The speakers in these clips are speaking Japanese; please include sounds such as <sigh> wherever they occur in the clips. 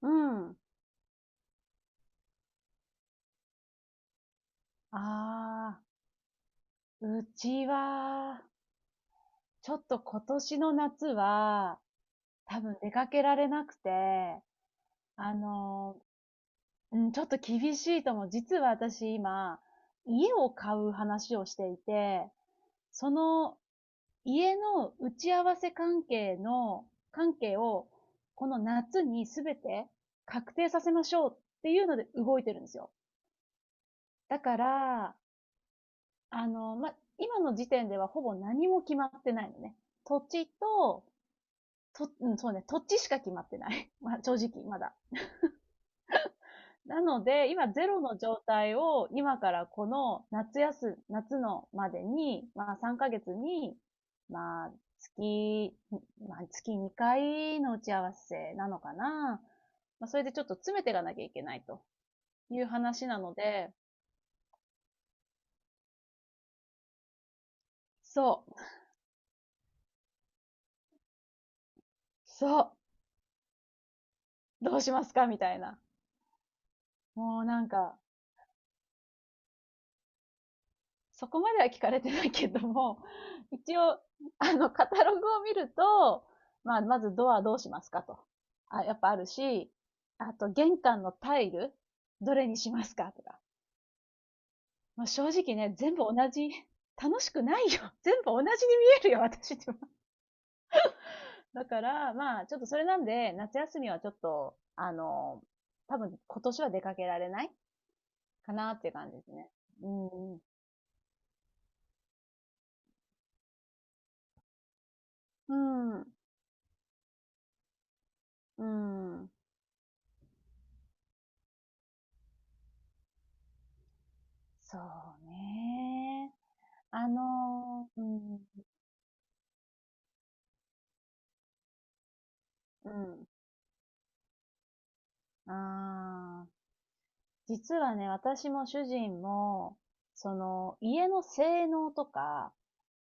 うん。ああ、うちは、ちょっと今年の夏は、多分出かけられなくて、あの、うん、ちょっと厳しいと思う。実は私今、家を買う話をしていて、その家の打ち合わせ関係の、関係を、この夏にすべて確定させましょうっていうので動いてるんですよ。だから、ま、今の時点ではほぼ何も決まってないのね。土地と、と、うん、そうね、土地しか決まってない。<laughs> まあ、正直、まだ。なので、今ゼロの状態を、今からこの夏休、夏のまでに、まあ3ヶ月に、まあ月、まあ月2回の打ち合わせなのかな。まあそれでちょっと詰めていかなきゃいけないという話なので、そう、そう、どうしますかみたいな。もうなんか、そこまでは聞かれてないけども、<laughs> 一応、カタログを見ると、まあ、まずドアどうしますかと。あ、やっぱあるし、あと玄関のタイル、どれにしますかとか。まあ正直ね、全部同じ、楽しくないよ。<laughs> 全部同じに見えるよ、私って。だから、まあ、ちょっとそれなんで、夏休みはちょっと、多分今年は出かけられないかなっていう感じですね。うん。うん。うん。そうね。あのー、うん、うん。ああ、実はね、私も主人も、その、家の性能とか、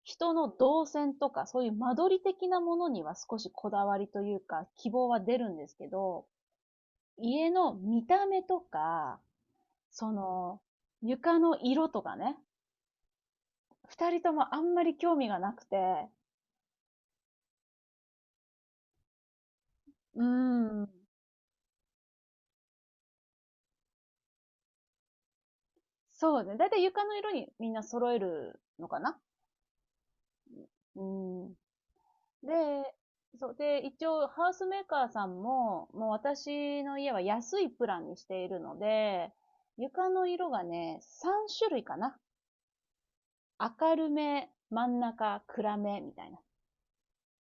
人の動線とか、そういう間取り的なものには少しこだわりというか、希望は出るんですけど、家の見た目とか、その、床の色とかね、二人ともあんまり興味がなくて、うーん、そうね。だいたい床の色にみんな揃えるのかな。うん、で、そう。で、一応、ハウスメーカーさんも、もう私の家は安いプランにしているので、床の色がね、3種類かな。明るめ、真ん中、暗め、みたいな。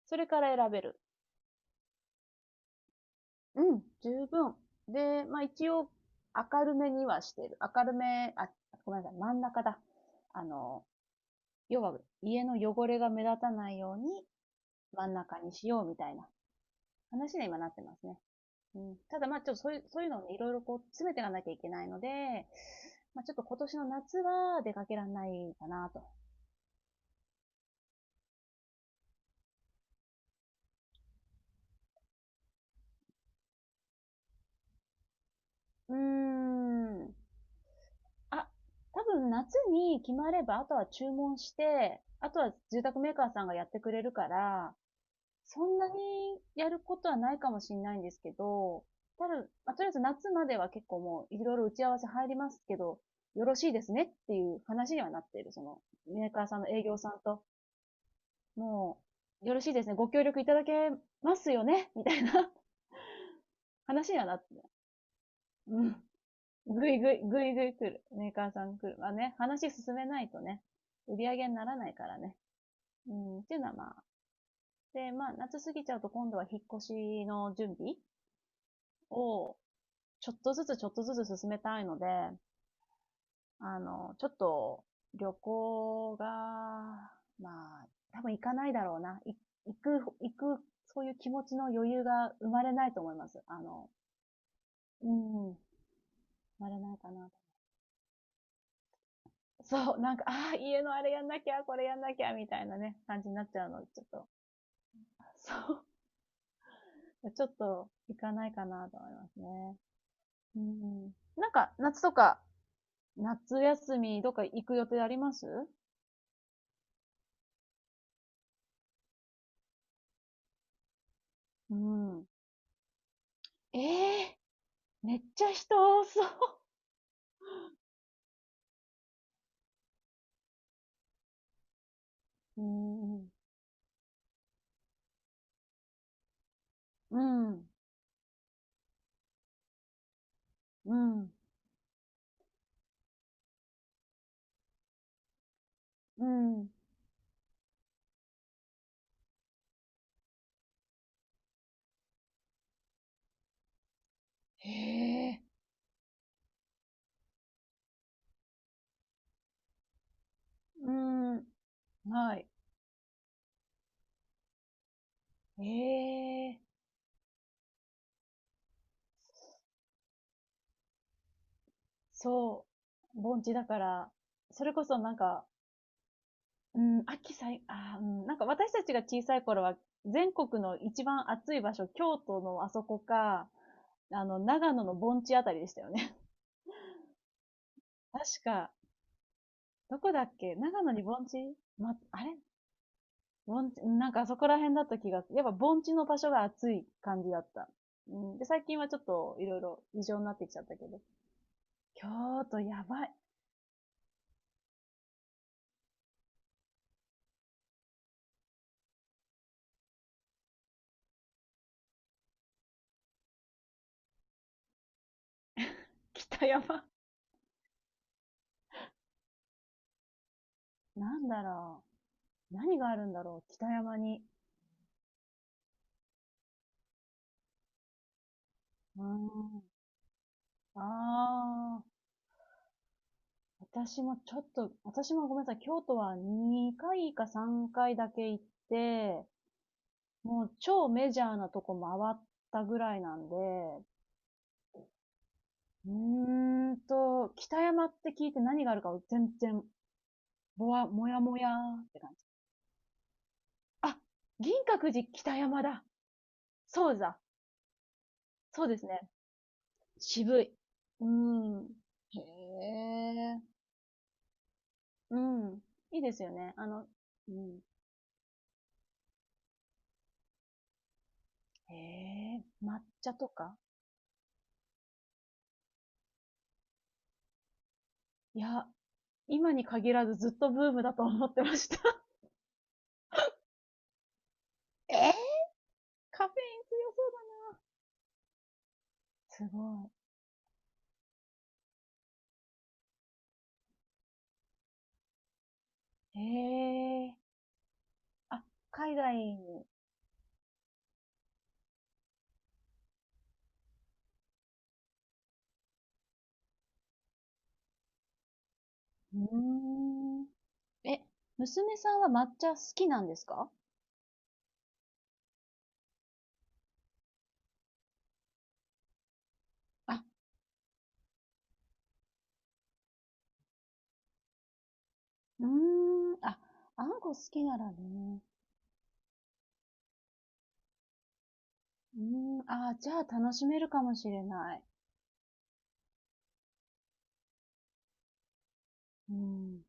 それから選べる。うん、十分。で、まあ一応、明るめにはしてる。明るめ、あ、ごめんなさい、真ん中だ。あの、要は、家の汚れが目立たないように、真ん中にしようみたいな話に今なってますね。うん、ただまあ、ちょっとそういう、そういうのをね、いろいろこう詰めていかなきゃいけないので、まあ、ちょっと今年の夏は出かけられないかなと。うーん。あ、多分夏に決まれば、あとは注文して、あとは住宅メーカーさんがやってくれるから、そんなにやることはないかもしれないんですけど、ただ、まあ、とりあえず夏までは結構もういろいろ打ち合わせ入りますけど、よろしいですねっていう話にはなっている。その、メーカーさんの営業さんともう、よろしいですね。ご協力いただけますよね <laughs> みたいな話にはなって。うん。ぐいぐい、ぐいぐい来る。メーカーさん来る。まあね、話進めないとね、売り上げにならないからね。うん、っていうのはまあ。で、まあ、夏過ぎちゃうと今度は引っ越しの準備を、ちょっとずつちょっとずつ進めたいので、ちょっと、旅行が、まあ、多分行かないだろうな。行く、行く、そういう気持ちの余裕が生まれないと思います。うん、あれないかな。そう、なんか、ああ、家のあれやんなきゃ、これやんなきゃ、みたいなね、感じになっちゃうの、ちょっと。<laughs> そう。ちょっと、行かないかなと思いますね。うん。なんか、夏とか、夏休み、どっか行く予定あります？うん。ええー、めっちゃ人多そう。うん。うん。うん。うん。へえ。うん。はい。ええー、そう。盆地だから、それこそなんか、うん、秋さあーうん、なんか私たちが小さい頃は、全国の一番暑い場所、京都のあそこか、長野の盆地あたりでしたよね。<laughs> 確か、どこだっけ長野に盆地ま、あれ盆地、なんかあそこら辺だった気が、やっぱ盆地の場所が暑い感じだった。うん、で、最近はちょっといろいろ異常になってきちゃったけど。京都やばい。北山。<laughs> なんだろう。何があるんだろう。北山に。うーん。ああ。私もちょっと、私もごめんなさい、京都は2回か3回だけ行って、もう超メジャーなとこ回ったぐらいなんで、うーんと、北山って聞いて何があるかを全然、ぼわ、もやもやーって感じ。あ、銀閣寺北山だ。そうだ。そうですね。渋い。うーん。へえ。うん。いいですよね。うん。へえ、抹茶とか、いや、今に限らずずっとブームだと思ってました。<laughs> えーカフェイン強そうだな。すごい。へえ。あ、海外に。うーん。え、娘さんは抹茶好きなんですか？あ、うーん。あ、あんこ好きならね。うーん。あー、じゃあ楽しめるかもしれない。うん。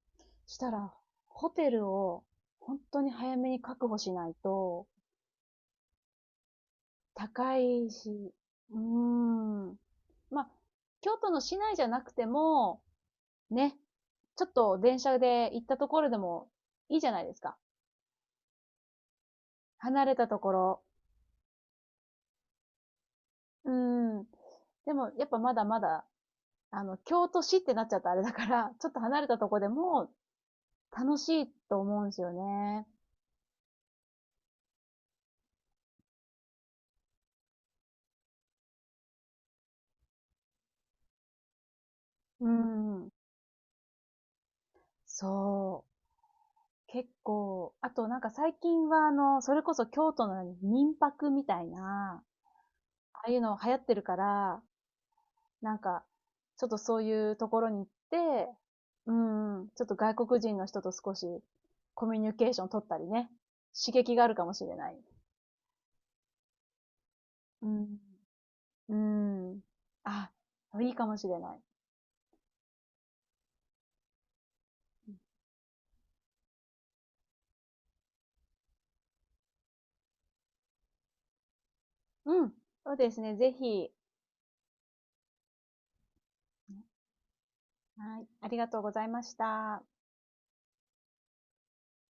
したら、ホテルを本当に早めに確保しないと、高いし、うーん。まあ、京都の市内じゃなくても、ね、ちょっと電車で行ったところでもいいじゃないですか。離れたところ。うーん。でも、やっぱまだまだ、京都市ってなっちゃったあれだから、ちょっと離れたとこでも楽しいと思うんですよね。うんん。そう。結構、あとなんか最近はそれこそ京都の民泊みたいな、ああいうの流行ってるから、なんか、ちょっとそういうところに行って、うん、ちょっと外国人の人と少しコミュニケーション取ったりね、刺激があるかもしれない。うん。うん。あ、いいかもしれない。うん。そうですね。ぜひ。はい。ありがとうございました。